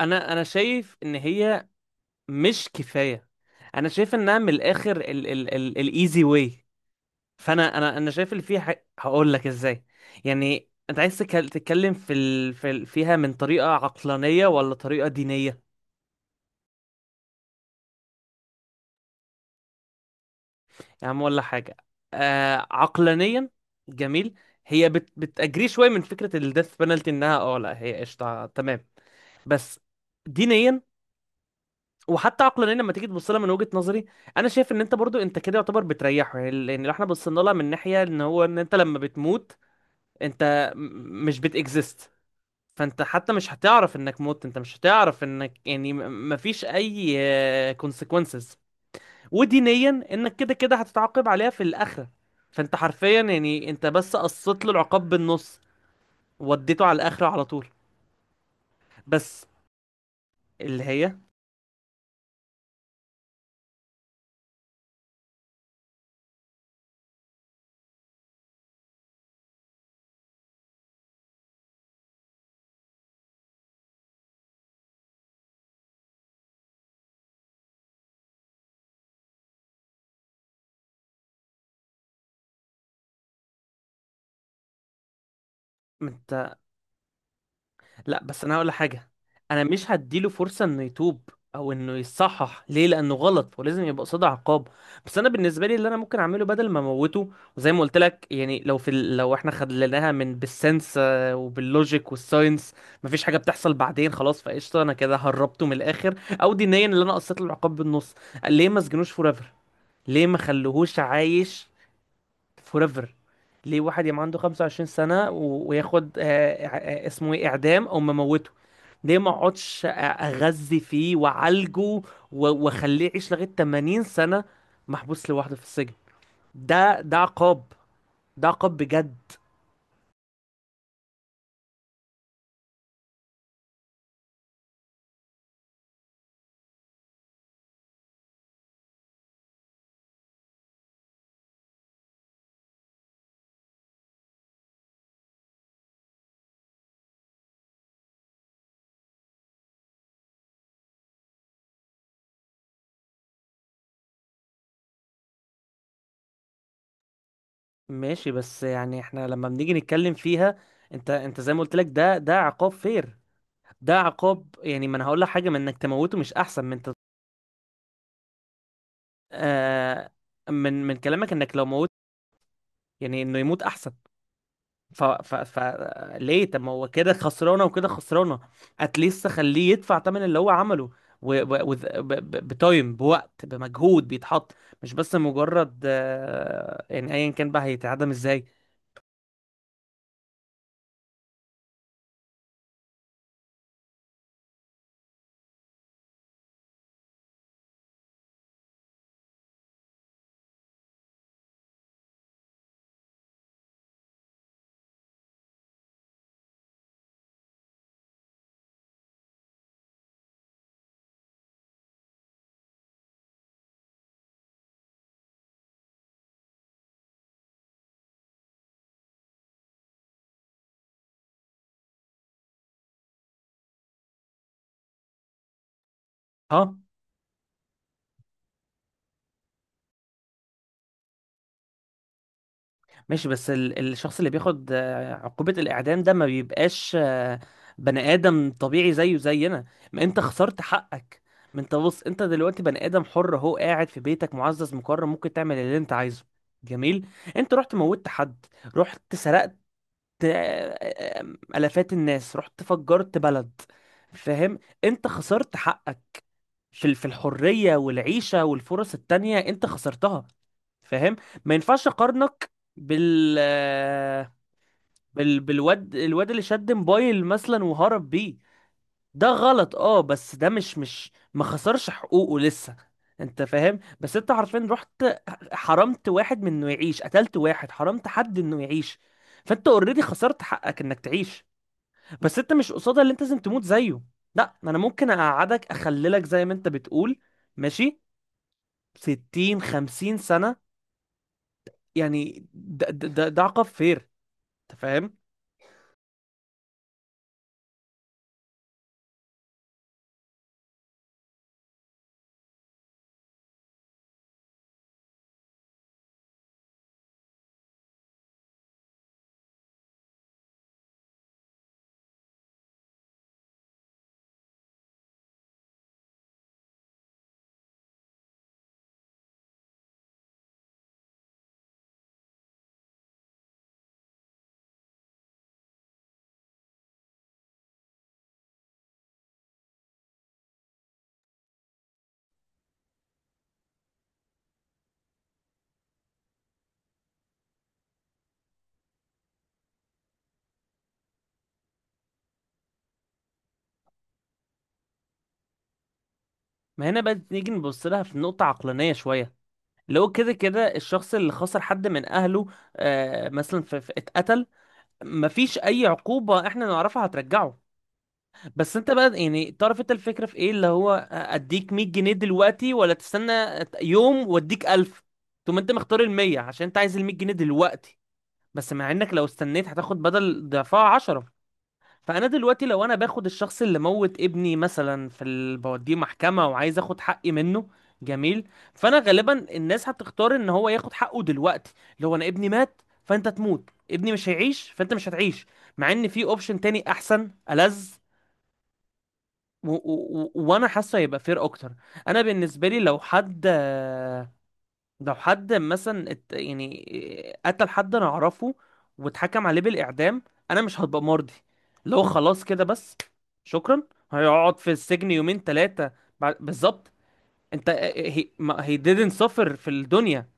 انا شايف ان هي مش كفايه. انا شايف انها من الاخر ال ال ال الايزي واي. فانا انا انا شايف اللي فيها هقول لك ازاي. يعني انت عايز تتكلم في ال في ال فيها من طريقه عقلانيه ولا طريقه دينيه؟ يا عم ولا حاجه. آه، عقلانيا. جميل. هي بتأجري شويه من فكره الديث بنالتي انها لا، هي قشطه تمام. بس دينيا وحتى عقلانيا لما تيجي تبص لها من وجهة نظري، انا شايف ان انت برضو انت كده يعتبر بتريحه، يعني لان لو احنا بصينا لها من ناحية ان هو ان انت لما بتموت، انت مش بتكزيست. فانت حتى مش هتعرف انك موت، انت مش هتعرف انك يعني مفيش اي كونسيكونسز. ودينيا انك كده كده هتتعاقب عليها في الاخرة. فانت حرفيا يعني انت بس قصيت له العقاب بالنص، وديته على الاخرة على طول. بس اللي هي، لا بس انا هقول حاجه. انا مش هديله فرصه انه يتوب، او انه يصحح ليه لانه غلط ولازم يبقى قصاده عقاب. بس انا بالنسبه لي اللي انا ممكن اعمله بدل ما اموته، وزي ما قلت لك يعني لو لو احنا خدناها من بالسنس، وباللوجيك والساينس، مفيش حاجه بتحصل بعدين خلاص فقشطه، انا كده هربته من الاخر، او دينيا اللي انا قصيت له العقاب بالنص. ليه ما سجنوش فور ايفر؟ ليه ما خلوهوش عايش فوريفر؟ ليه واحد يبقى عنده 25 سنة وياخد آه، اسمه ايه اعدام او مموته؟ ليه ما اقعدش اغذي فيه وعالجه واخليه يعيش لغاية 80 سنة محبوس لوحده في السجن؟ ده عقاب، ده عقاب بجد. ماشي بس يعني احنا لما بنيجي نتكلم فيها، انت زي ما قلت لك ده عقاب فير، ده عقاب، يعني ما انا هقول لك حاجة، من انك تموته مش احسن من انت. آه. من كلامك انك لو موت، يعني انه يموت احسن. ف... ف... ف ليه؟ طب ما هو كده خسرانه وكده خسرانه. اتليست خليه يدفع ثمن اللي هو عمله و... و... وذ- ب... ب... بتايم، بوقت، بمجهود بيتحط، مش بس مجرد يعني ايا كان بقى هيتعدم ازاي. ها. ماشي بس الشخص اللي بياخد عقوبة الإعدام ده ما بيبقاش بني آدم طبيعي زيه زينا. ما أنت خسرت حقك. ما أنت بص، أنت دلوقتي بني آدم حر أهو قاعد في بيتك معزز مكرم ممكن تعمل اللي أنت عايزه، جميل. أنت رحت موتت حد، رحت سرقت، آه، آه، آلافات الناس، رحت فجرت بلد. فاهم، أنت خسرت حقك في الحرية والعيشة والفرص التانية أنت خسرتها. فاهم؟ ما ينفعش اقارنك بال بالواد، الواد اللي شد موبايل مثلا وهرب بيه. ده غلط اه، بس ده مش ما خسرش حقوقه لسه. انت فاهم؟ بس انت حرفيا رحت حرمت واحد من انه يعيش، قتلت واحد، حرمت حد انه يعيش. فانت اوريدي خسرت حقك انك تعيش. بس انت مش قصادها اللي انت لازم تموت زيه. لا، انا ممكن اقعدك اخللك زي ما انت بتقول، ماشي، 60، 50 سنة. يعني ده عقاب فين؟ انت فاهم؟ ما هنا بقى نيجي نبص لها في نقطة عقلانية شوية. اللي هو كده كده الشخص اللي خسر حد من أهله، آه، مثلا في اتقتل، مفيش أي عقوبة احنا نعرفها هترجعه. بس انت بقى يعني تعرف انت الفكرة في ايه، اللي هو اديك 100 جنيه دلوقتي، ولا تستنى يوم واديك 1000؟ ثم انت مختار ال 100 عشان انت عايز ال 100 جنيه دلوقتي، بس مع انك لو استنيت هتاخد بدل ضعفها 10. فانا دلوقتي لو انا باخد الشخص اللي موت ابني مثلا بوديه محكمه وعايز اخد حقي منه، جميل. فانا غالبا الناس هتختار ان هو ياخد حقه دلوقتي. لو انا ابني مات فانت تموت، ابني مش هيعيش فانت مش هتعيش، مع ان في اوبشن تاني احسن ألذ. و... و... وانا حاسه هيبقى فير اكتر. انا بالنسبه لي لو حد، لو حد مثلا يعني قتل حد انا اعرفه واتحكم عليه بالاعدام، انا مش هبقى مرضي. اللي هو خلاص كده بس، شكرا. هيقعد في السجن يومين ثلاثه، بالظبط. انت هي he didn't suffer في الدنيا.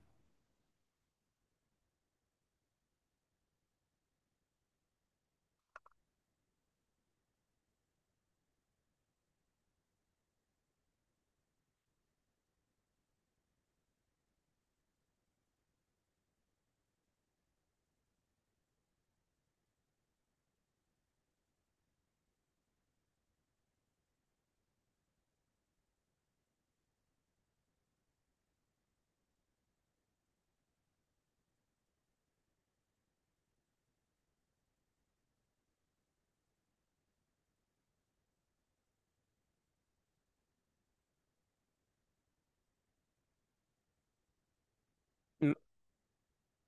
م-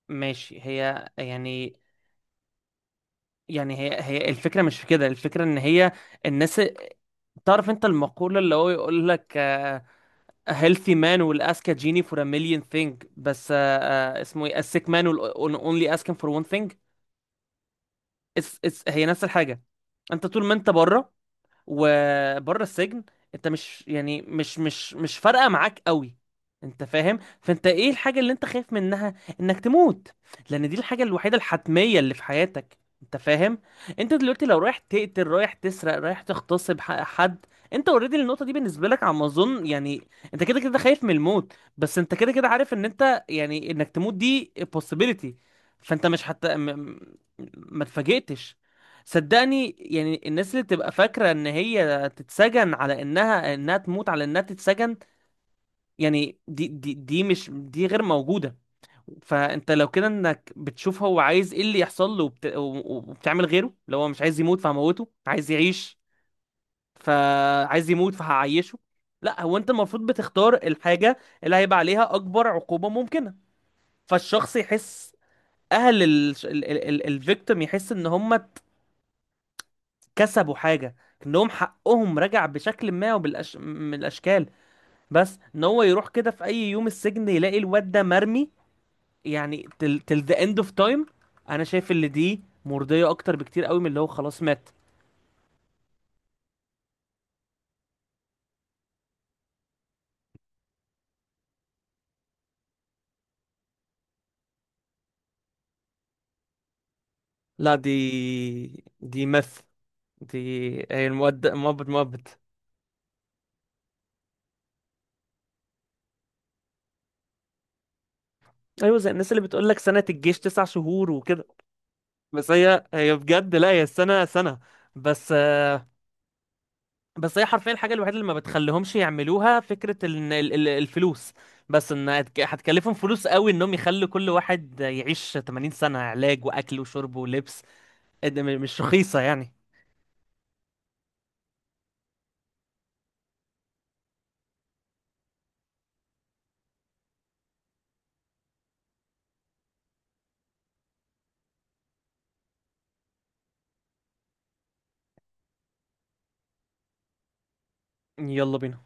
ماشي، هي يعني يعني هي الفكره مش في كده، الفكره ان هي الناس تعرف انت المقوله اللي هو يقول لك، a healthy man will ask a genie for a million thing، بس اسمه ايه a sick man will only ask him for one thing. it's هي نفس الحاجة. انت طول ما انت بره وبره السجن، انت مش يعني مش فارقة معاك قوي. انت فاهم؟ فانت ايه الحاجة اللي انت خايف منها؟ انك تموت، لان دي الحاجة الوحيدة الحتمية اللي في حياتك. انت فاهم؟ انت دلوقتي لو رايح تقتل، رايح تسرق، رايح تغتصب حد، انت اوريدي النقطة دي بالنسبة لك على ما اظن، يعني انت كده كده خايف من الموت، بس انت كده كده عارف ان انت يعني انك تموت دي possibility، فانت مش حتى ما اتفاجئتش. صدقني يعني الناس اللي تبقى فاكرة ان هي تتسجن على انها تموت على انها تتسجن، يعني دي مش دي غير موجودة. فانت لو كده انك بتشوف هو عايز ايه اللي يحصل له، وبتعمل غيره. لو هو مش عايز يموت فهموته، عايز يعيش فعايز يموت فهعيشه. لا، هو انت المفروض بتختار الحاجة اللي هيبقى عليها اكبر عقوبة ممكنة، فالشخص يحس، اهل الفيكتيم يحس ان هم كسبوا حاجة، انهم حقهم رجع بشكل ما من الاشكال. بس ان هو يروح كده في اي يوم السجن يلاقي الواد ده مرمي، يعني till the end of time، انا شايف اللي دي مرضية اكتر بكتير قوي من اللي هو خلاص مات. لا، دي دي دي هي مؤبد مؤبد. ايوه زي الناس اللي بتقول لك سنة الجيش 9 شهور وكده. بس هي بجد لا، هي السنة سنة. بس بس هي حرفيا الحاجة الوحيدة اللي ما بتخليهمش يعملوها فكرة إن الفلوس، بس ان هتكلفهم فلوس قوي انهم يخلوا كل واحد يعيش 80 سنة علاج واكل وشرب ولبس. إيه ده مش رخيصة يعني. يلا بينا.